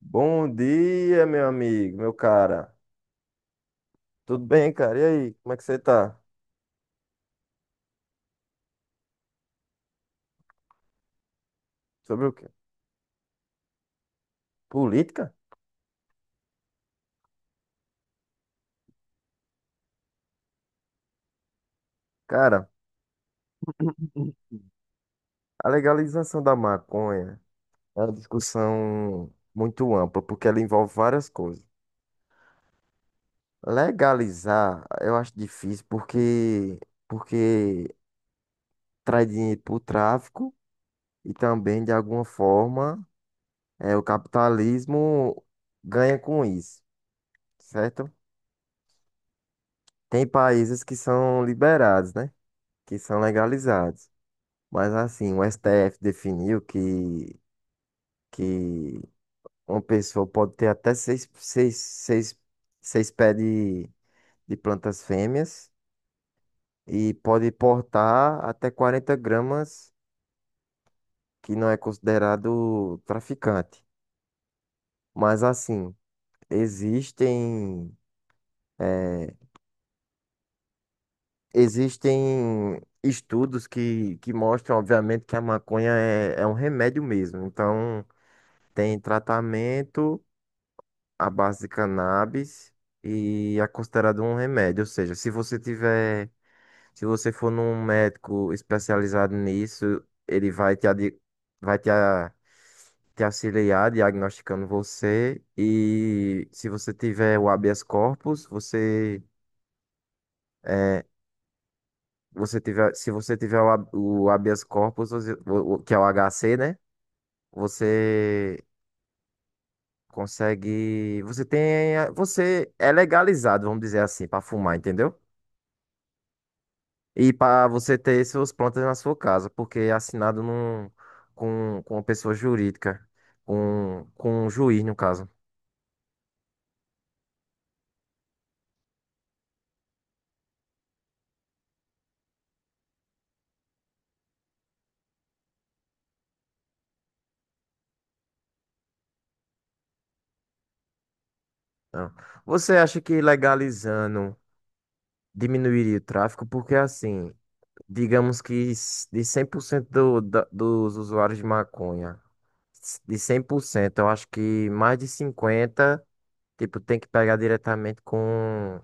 Bom dia, meu amigo, meu cara. Tudo bem, cara? E aí, como é que você tá? Sobre o quê? Política? Cara, a legalização da maconha é uma discussão muito ampla, porque ela envolve várias coisas. Legalizar, eu acho difícil porque traz dinheiro pro tráfico e também de alguma forma o capitalismo ganha com isso, certo? Tem países que são liberados, né? Que são legalizados. Mas assim, o STF definiu que uma pessoa pode ter até seis pés de plantas fêmeas e pode portar até 40 gramas, que não é considerado traficante. Mas assim, existem, eh, existem estudos que mostram, obviamente, que a maconha é um remédio mesmo. Então, tem tratamento à base de cannabis e é considerado um remédio. Ou seja, se você tiver, se você for num médico especializado nisso, ele vai te auxiliar diagnosticando você. E se você tiver o habeas corpus, você é, você tiver, se você tiver o, hab- o habeas corpus, que é o HC, né? Você consegue, você tem, você é legalizado, vamos dizer assim, para fumar, entendeu? E para você ter suas plantas na sua casa, porque é assinado com uma pessoa jurídica, com um juiz, no caso. Então, você acha que legalizando diminuiria o tráfico? Porque, assim, digamos que de 100% do, da, dos usuários de maconha, de 100% eu acho que mais de 50%, tipo, tem que pegar diretamente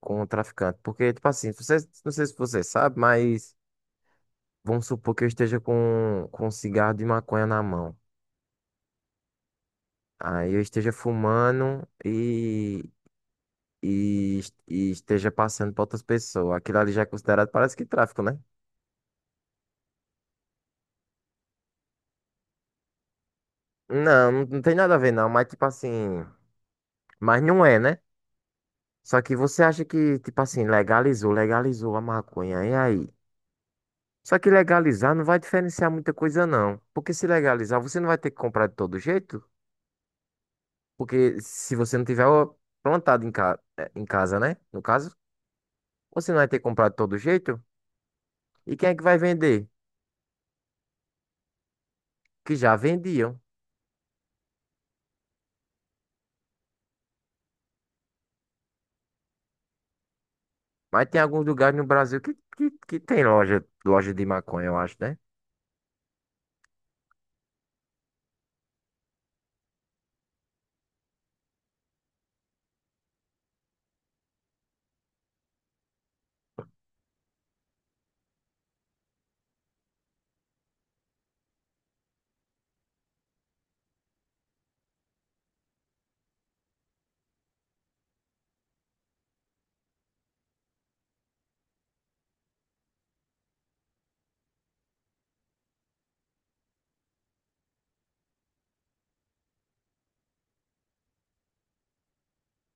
com o traficante. Porque, tipo assim, você, não sei se você sabe, mas. Vamos supor que eu esteja com um cigarro de maconha na mão. Aí eu esteja fumando e esteja passando para outras pessoas. Aquilo ali já é considerado, parece que tráfico, né? Não, não, não tem nada a ver, não. Mas, tipo assim. Mas não é, né? Só que você acha que, tipo assim, legalizou, legalizou a maconha. E aí? Só que legalizar não vai diferenciar muita coisa, não. Porque se legalizar, você não vai ter que comprar de todo jeito. Porque se você não tiver ó, plantado em casa, né? No caso. Você não vai ter comprado de todo jeito? E quem é que vai vender? Que já vendiam. Mas tem alguns lugares no Brasil que tem loja, loja de maconha, eu acho, né?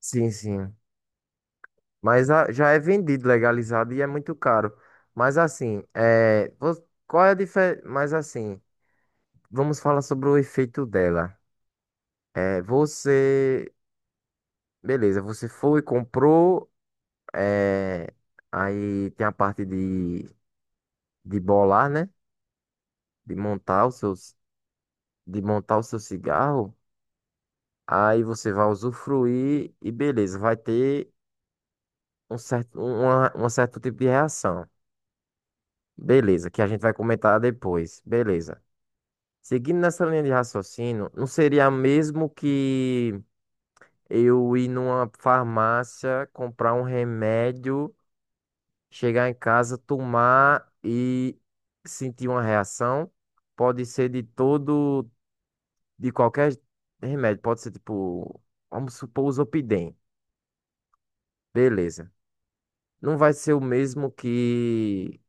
Sim, sim. Mas já é vendido, legalizado e é muito caro. Mas assim, qual é a diferença? Mas assim, vamos falar sobre o efeito dela. É, você, beleza, você foi, comprou, é, aí tem a parte de bolar, né? De montar os seus, de montar o seu cigarro. Aí você vai usufruir e beleza, vai ter um certo tipo de reação. Beleza, que a gente vai comentar depois. Beleza. Seguindo nessa linha de raciocínio, não seria mesmo que eu ir numa farmácia, comprar um remédio, chegar em casa, tomar e sentir uma reação? Pode ser de todo, de qualquer remédio. Pode ser tipo, vamos supor, o Zopidem. Beleza. Não vai ser o mesmo que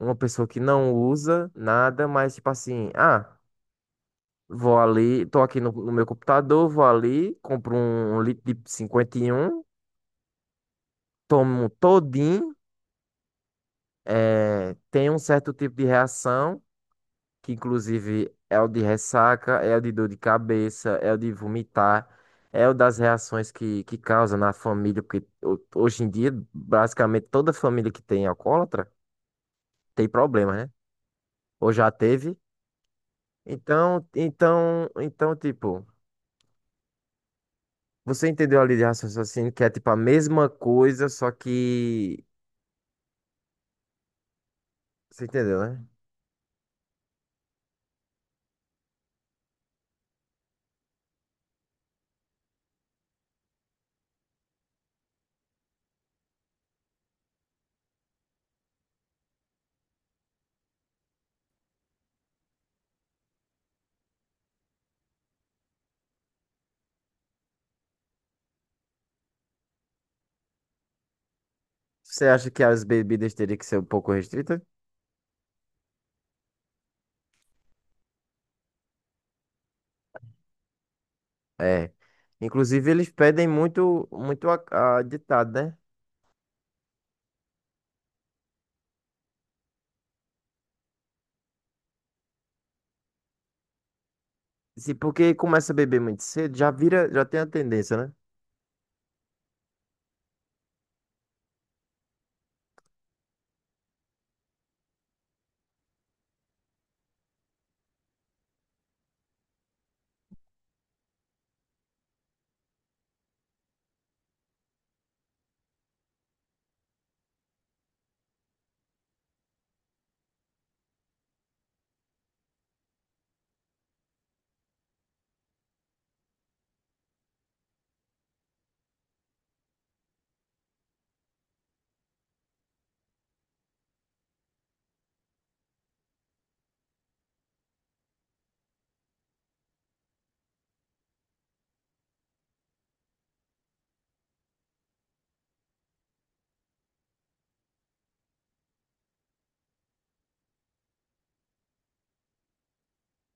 uma pessoa que não usa nada, mas tipo assim, ah, vou ali, tô aqui no meu computador, vou ali, compro um litro de 51, tomo todinho, tem um certo tipo de reação, que inclusive é o de ressaca, é o de dor de cabeça, é o de vomitar. É o das reações que causa na família, porque hoje em dia, basicamente toda família que tem alcoólatra tem problema, né? Ou já teve? Então, tipo, você entendeu a linha de raciocínio que é tipo a mesma coisa, só que. Você entendeu, né? Você acha que as bebidas teriam que ser um pouco restritas? É. Inclusive, eles pedem muito, muito a ditado, né? Se porque começa a beber muito cedo, já vira, já tem a tendência, né?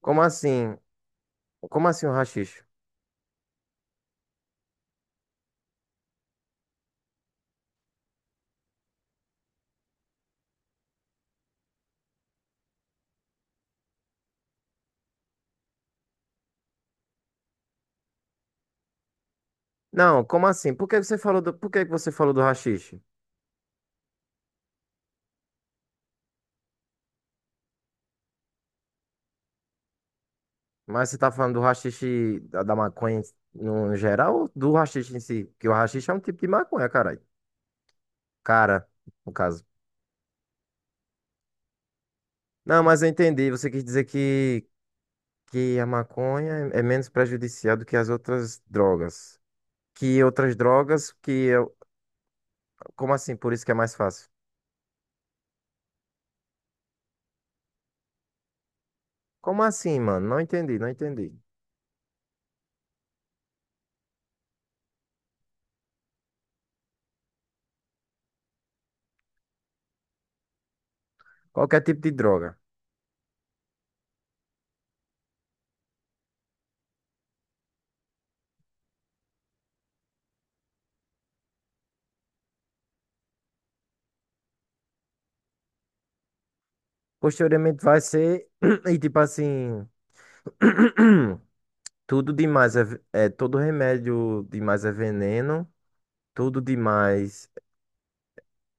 Como assim? Como assim o haxixe? Não, como assim? Por que você falou do, por que você falou do haxixe? Mas você tá falando do haxixe da maconha no geral ou do haxixe em si? Porque o haxixe é um tipo de maconha, caralho. Cara, no caso. Não, mas eu entendi. Você quis dizer que, a maconha é menos prejudicial do que as outras drogas. Que outras drogas que eu... Como assim? Por isso que é mais fácil. Como assim, mano? Não entendi, não entendi. Qualquer tipo de droga. Posteriormente vai ser... E tipo assim... Tudo demais é, é... Todo remédio demais é veneno. Tudo demais,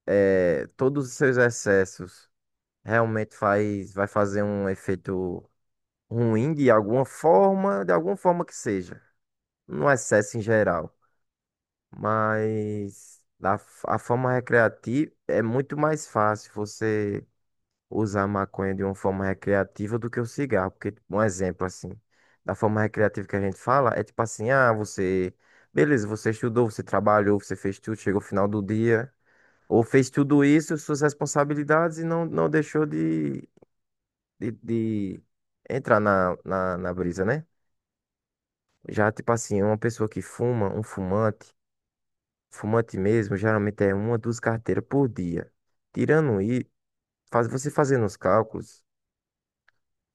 todos os seus excessos realmente vai fazer um efeito ruim de alguma forma que seja, no excesso em geral, mas a, forma recreativa é muito mais fácil você usar a maconha de uma forma recreativa do que o cigarro. Porque, um exemplo assim, da forma recreativa que a gente fala, é tipo assim, ah, você, beleza, você estudou, você trabalhou, você fez tudo, chegou ao final do dia. Ou fez tudo isso, suas responsabilidades, e não deixou de entrar na brisa, né? Já, tipo assim, uma pessoa que fuma, um fumante, fumante mesmo, geralmente é uma, duas carteiras por dia. Tirando isso, você fazendo os cálculos,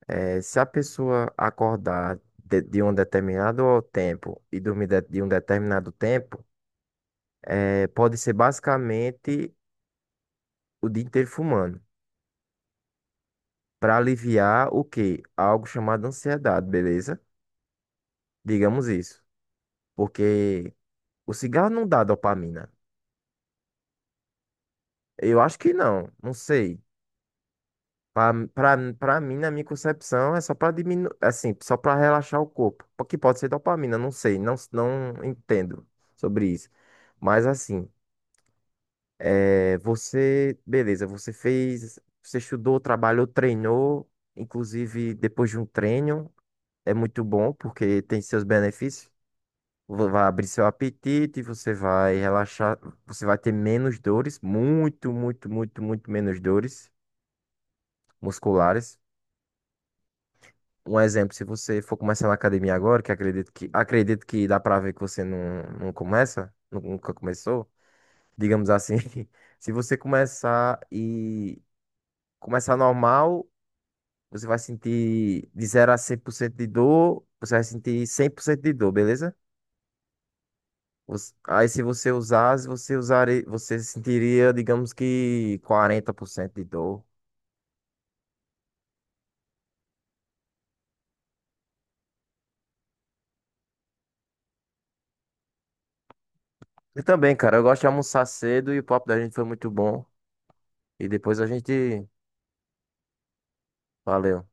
se a pessoa acordar de um determinado tempo e dormir de um determinado tempo, pode ser basicamente o dia inteiro fumando. Para aliviar o quê? Algo chamado ansiedade, beleza? Digamos isso. Porque o cigarro não dá dopamina. Eu acho que não, não sei. Pra mim, na minha concepção, é só pra diminuir, assim, só pra relaxar o corpo. Que pode ser dopamina, não sei, não entendo sobre isso. Mas assim, é, você, beleza, você fez, você estudou, trabalhou, treinou, inclusive depois de um treino, é muito bom porque tem seus benefícios. Vai abrir seu apetite, você vai relaxar, você vai ter menos dores, muito, muito, muito, muito menos dores musculares. Um exemplo, se você for começar na academia agora, que acredito que acredito que dá pra ver que você nunca começou, digamos assim. Se você começar e começar normal, você vai sentir de 0 a 100% de dor, você vai sentir 100% de dor, beleza? Aí, se você usasse, você usaria, você sentiria, digamos que 40% de dor. Eu também, cara, eu gosto de almoçar cedo e o papo da gente foi muito bom. E depois a gente. Valeu.